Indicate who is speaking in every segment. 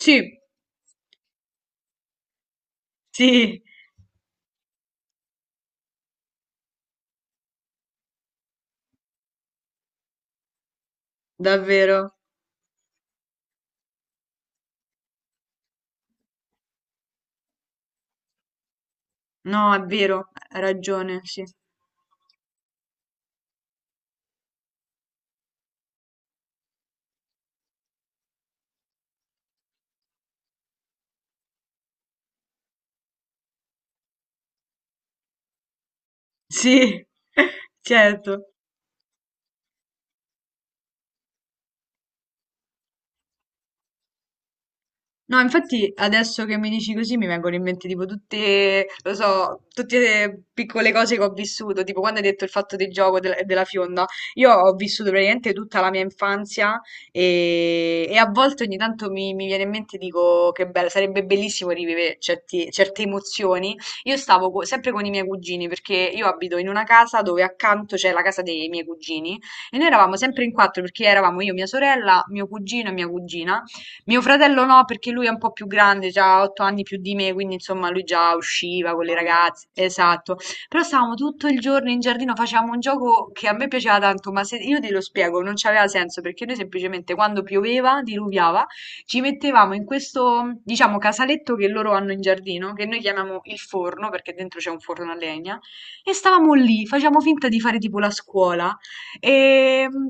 Speaker 1: Sì, sì, davvero. No, è vero, hai ragione, sì. Sì, certo. No, infatti adesso che mi dici così mi vengono in mente tipo tutte, lo so, tutte le piccole cose che ho vissuto, tipo quando hai detto il fatto del gioco della fionda, io ho vissuto praticamente tutta la mia infanzia e a volte ogni tanto mi viene in mente e dico che bello, sarebbe bellissimo rivivere certe emozioni. Io stavo sempre con i miei cugini perché io abito in una casa dove accanto c'è la casa dei miei cugini e noi eravamo sempre in quattro perché eravamo io, mia sorella, mio cugino e mia cugina. Mio fratello no, perché lui è un po' più grande, già ha otto anni più di me, quindi insomma lui già usciva con le ragazze, esatto. Però stavamo tutto il giorno in giardino, facevamo un gioco che a me piaceva tanto, ma se io te lo spiego, non c'aveva senso, perché noi semplicemente quando pioveva, diluviava, ci mettevamo in questo, diciamo, casaletto che loro hanno in giardino, che noi chiamiamo il forno, perché dentro c'è un forno a legna, e stavamo lì, facevamo finta di fare tipo la scuola. E, mh,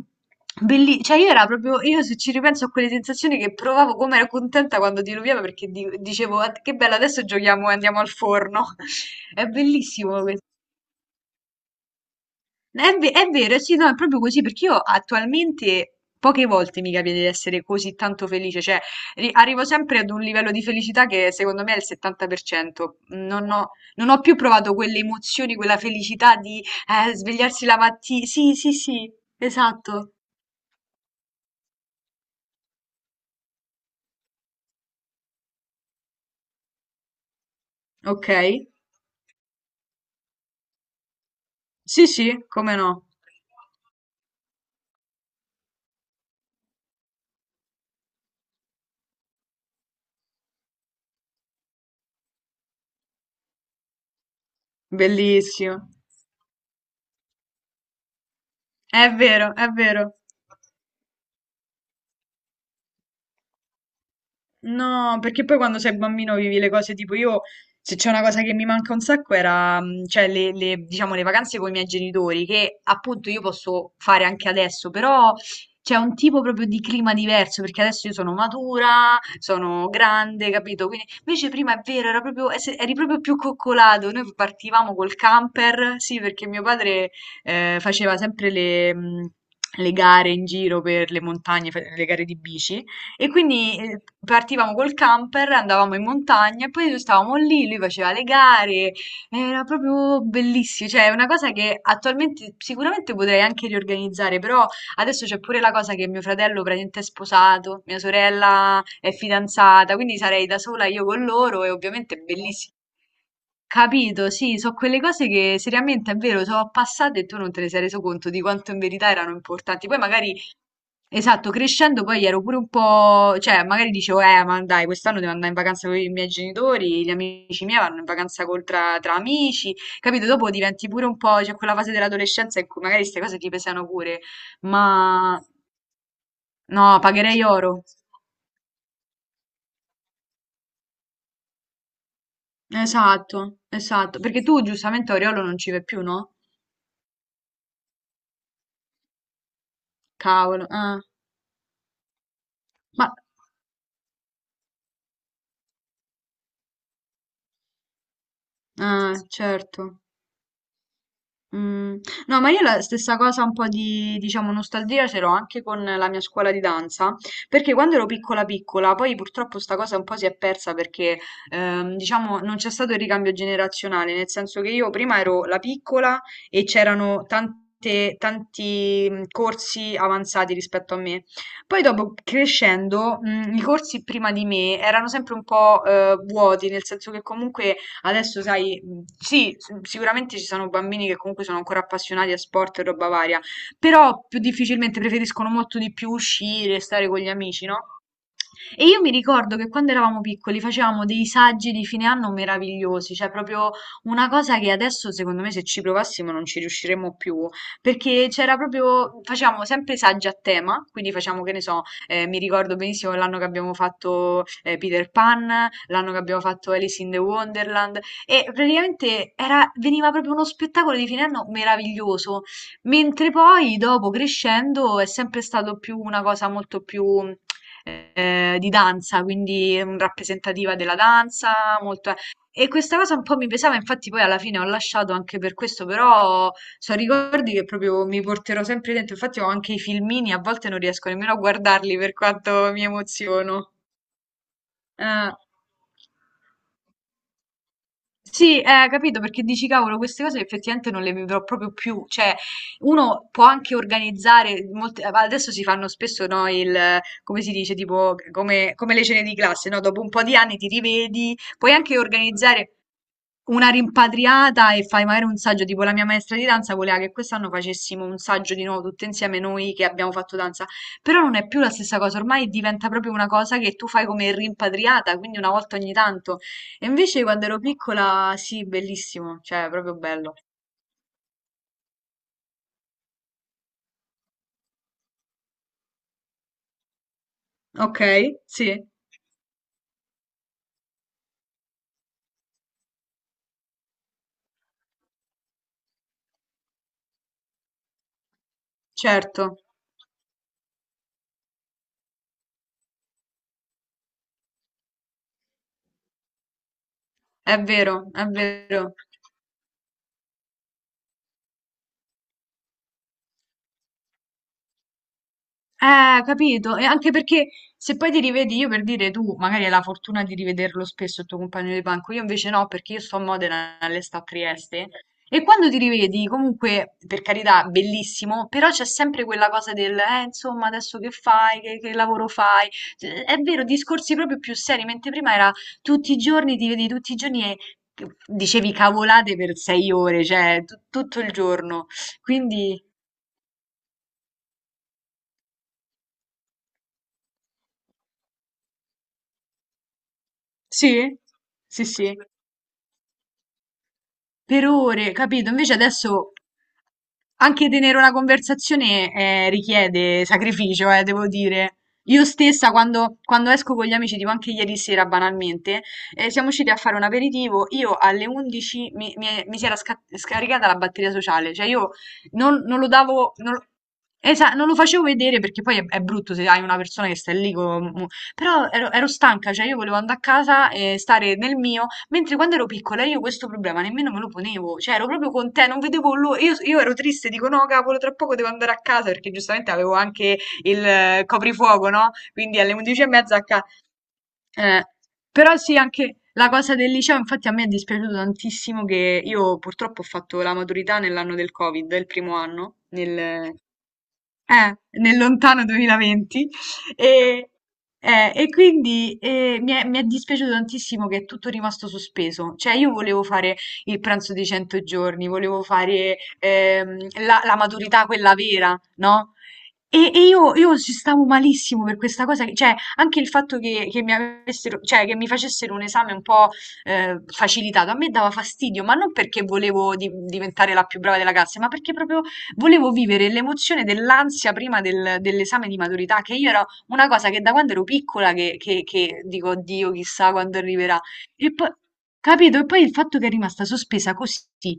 Speaker 1: cioè io era proprio, io se ci ripenso a quelle sensazioni che provavo, come ero contenta quando diluviava perché dicevo: "Ah, che bello, adesso giochiamo e andiamo al forno." È bellissimo questo. È vero, sì, no, è proprio così perché io attualmente poche volte mi capita di essere così tanto felice, cioè arrivo sempre ad un livello di felicità che secondo me è il 70%. Non ho più provato quelle emozioni, quella felicità di svegliarsi la mattina. Sì, sì, sì, esatto. Ok? Sì, sì, come no. Bellissimo. È vero, è vero. No, perché poi quando sei bambino vivi le cose tipo io, se c'è una cosa che mi manca un sacco era, diciamo, le vacanze con i miei genitori, che appunto io posso fare anche adesso, però c'è un tipo proprio di clima diverso, perché adesso io sono matura, sono grande, capito? Quindi invece prima è vero, era proprio, eri proprio più coccolato, noi partivamo col camper, sì, perché mio padre faceva sempre le... le gare in giro per le montagne, le gare di bici, e quindi partivamo col camper, andavamo in montagna e poi noi stavamo lì, lui faceva le gare, era proprio bellissimo, cioè è una cosa che attualmente sicuramente potrei anche riorganizzare, però adesso c'è pure la cosa che mio fratello praticamente è sposato, mia sorella è fidanzata, quindi sarei da sola io con loro e ovviamente è bellissimo. Capito, sì, sono quelle cose che seriamente è vero, sono passate e tu non te ne sei reso conto di quanto in verità erano importanti. Poi magari esatto, crescendo poi ero pure un po', cioè magari dicevo, ma dai, quest'anno devo andare in vacanza con i miei genitori, gli amici miei vanno in vacanza tra amici, capito? Dopo diventi pure un po', c'è quella fase dell'adolescenza in cui magari queste cose ti pesano pure, ma no, pagherei oro. Esatto, esatto, perché tu giustamente Oriolo non ci vai più, no? Cavolo, ah, ma, ah, certo. Mm, no, ma io la stessa cosa, un po' di, diciamo, nostalgia ce l'ho anche con la mia scuola di danza, perché quando ero piccola piccola, poi purtroppo sta cosa un po' si è persa perché, diciamo, non c'è stato il ricambio generazionale, nel senso che io prima ero la piccola e c'erano tanti corsi avanzati rispetto a me. Poi dopo crescendo, i corsi prima di me erano sempre un po', vuoti, nel senso che comunque adesso, sai, sì, sicuramente ci sono bambini che comunque sono ancora appassionati a sport e roba varia, però più difficilmente preferiscono molto di più uscire, stare con gli amici, no? E io mi ricordo che quando eravamo piccoli facevamo dei saggi di fine anno meravigliosi, cioè proprio una cosa che adesso secondo me se ci provassimo non ci riusciremmo più, perché c'era proprio, facevamo sempre saggi a tema, quindi facciamo che ne so, mi ricordo benissimo l'anno che abbiamo fatto Peter Pan, l'anno che abbiamo fatto Alice in the Wonderland e praticamente era, veniva proprio uno spettacolo di fine anno meraviglioso, mentre poi dopo crescendo è sempre stato più una cosa molto più di danza, quindi rappresentativa della danza, molto... E questa cosa un po' mi pesava, infatti poi alla fine ho lasciato anche per questo, però sono ricordi che proprio mi porterò sempre dentro, infatti ho anche i filmini, a volte non riesco nemmeno a guardarli per quanto mi emoziono. Eh. Sì, capito, perché dici, cavolo, queste cose effettivamente non le vivrò proprio più. Cioè, uno può anche organizzare, adesso si fanno spesso, no, come si dice, come le cene di classe, no? Dopo un po' di anni ti rivedi, puoi anche organizzare una rimpatriata e fai magari un saggio, tipo la mia maestra di danza voleva che quest'anno facessimo un saggio di nuovo tutte insieme noi che abbiamo fatto danza, però non è più la stessa cosa, ormai diventa proprio una cosa che tu fai come rimpatriata, quindi una volta ogni tanto. E invece quando ero piccola, sì, bellissimo, cioè proprio bello. Ok, sì, certo, è vero, è vero. Capito? E anche perché se poi ti rivedi, io per dire tu, magari hai la fortuna di rivederlo spesso il tuo compagno di banco, io invece no, perché io sto a Modena e lei sta a Trieste. E quando ti rivedi, comunque, per carità, bellissimo, però c'è sempre quella cosa del, insomma, adesso che fai, che lavoro fai? Cioè, è vero, discorsi proprio più seri, mentre prima era tutti i giorni, ti vedi tutti i giorni e dicevi cavolate per sei ore, cioè tutto il giorno. Quindi, sì, sì, sì. Per ore, capito? Invece adesso anche tenere una conversazione richiede sacrificio, devo dire. Io stessa, quando esco con gli amici, tipo anche ieri sera banalmente, siamo usciti a fare un aperitivo, io alle 11 mi si era scaricata la batteria sociale, cioè io non lo davo... Non, lo- non lo facevo vedere perché poi è brutto se hai una persona che sta lì con... Però ero stanca, cioè io volevo andare a casa e stare nel mio. Mentre quando ero piccola io questo problema nemmeno me lo ponevo, cioè ero proprio con te, non vedevo l'ora, io ero triste, dico no cavolo, tra poco devo andare a casa perché giustamente avevo anche il coprifuoco, no? Quindi alle 11 e mezza a casa. Eh, però sì, anche la cosa del liceo, infatti a me è dispiaciuto tantissimo che io purtroppo ho fatto la maturità nell'anno del Covid, il primo anno, eh, nel lontano 2020 e, e quindi mi è dispiaciuto tantissimo che è tutto rimasto sospeso. Cioè, io volevo fare il pranzo dei 100 giorni, volevo fare la maturità quella vera, no? E io ci stavo malissimo per questa cosa, cioè anche il fatto che mi avessero, cioè, che mi facessero un esame un po' facilitato, a me dava fastidio, ma non perché volevo diventare la più brava della classe, ma perché proprio volevo vivere l'emozione dell'ansia prima dell'esame di maturità, che io era una cosa che da quando ero piccola che dico, oddio, chissà quando arriverà. E poi, capito? E poi il fatto che è rimasta sospesa così,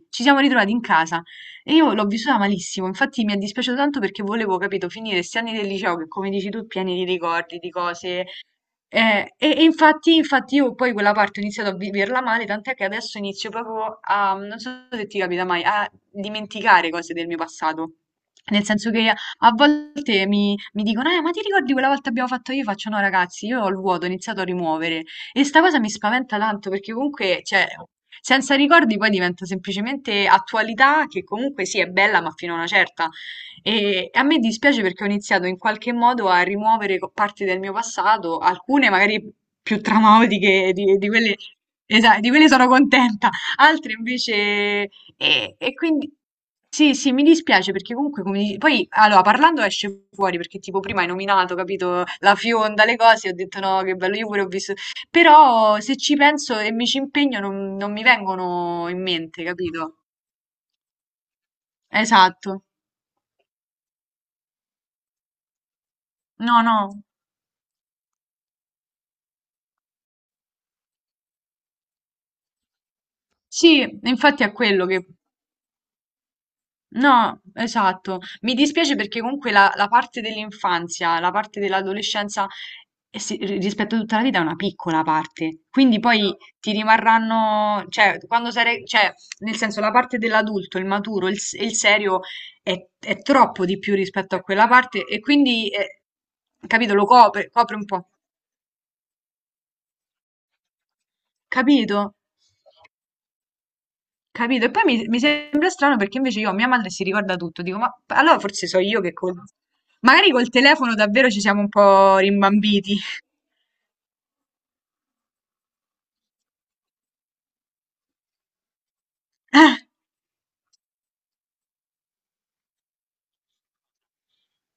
Speaker 1: ci siamo ritrovati in casa e io l'ho vissuta malissimo, infatti mi è dispiaciuto tanto perché volevo, capito, finire questi anni del liceo che, come dici tu, pieni di ricordi, di cose, e infatti, infatti io poi quella parte ho iniziato a viverla male, tant'è che adesso inizio proprio a, non so se ti capita mai, a dimenticare cose del mio passato. Nel senso che a volte mi dicono, ma ti ricordi quella volta abbiamo fatto io? Faccio no, ragazzi, io ho il vuoto, ho iniziato a rimuovere. E sta cosa mi spaventa tanto perché comunque, cioè, senza ricordi poi diventa semplicemente attualità che comunque sì è bella, ma fino a una certa. E a me dispiace perché ho iniziato in qualche modo a rimuovere parti del mio passato, alcune magari più traumatiche di quelle, di quelle sono contenta, altre invece... E quindi sì, sì, mi dispiace perché comunque come poi allora parlando esce fuori perché tipo prima hai nominato, capito, la fionda, le cose, ho detto no, che bello, io pure ho visto, però se ci penso e mi ci impegno non mi vengono in mente, capito? Esatto. No, no. Sì, infatti è quello che... No, esatto. Mi dispiace perché comunque la parte dell'infanzia, la parte dell'adolescenza, eh sì, rispetto a tutta la vita è una piccola parte. Quindi poi ti rimarranno, cioè, quando sarai, cioè, nel senso, la parte dell'adulto, il maturo, il serio è troppo di più rispetto a quella parte e quindi, capito, lo copre, copre un po'. Capito? Capito? E poi mi sembra strano perché invece io, mia madre si ricorda tutto, dico, ma allora forse so io che col... magari col telefono davvero ci siamo un po' rimbambiti.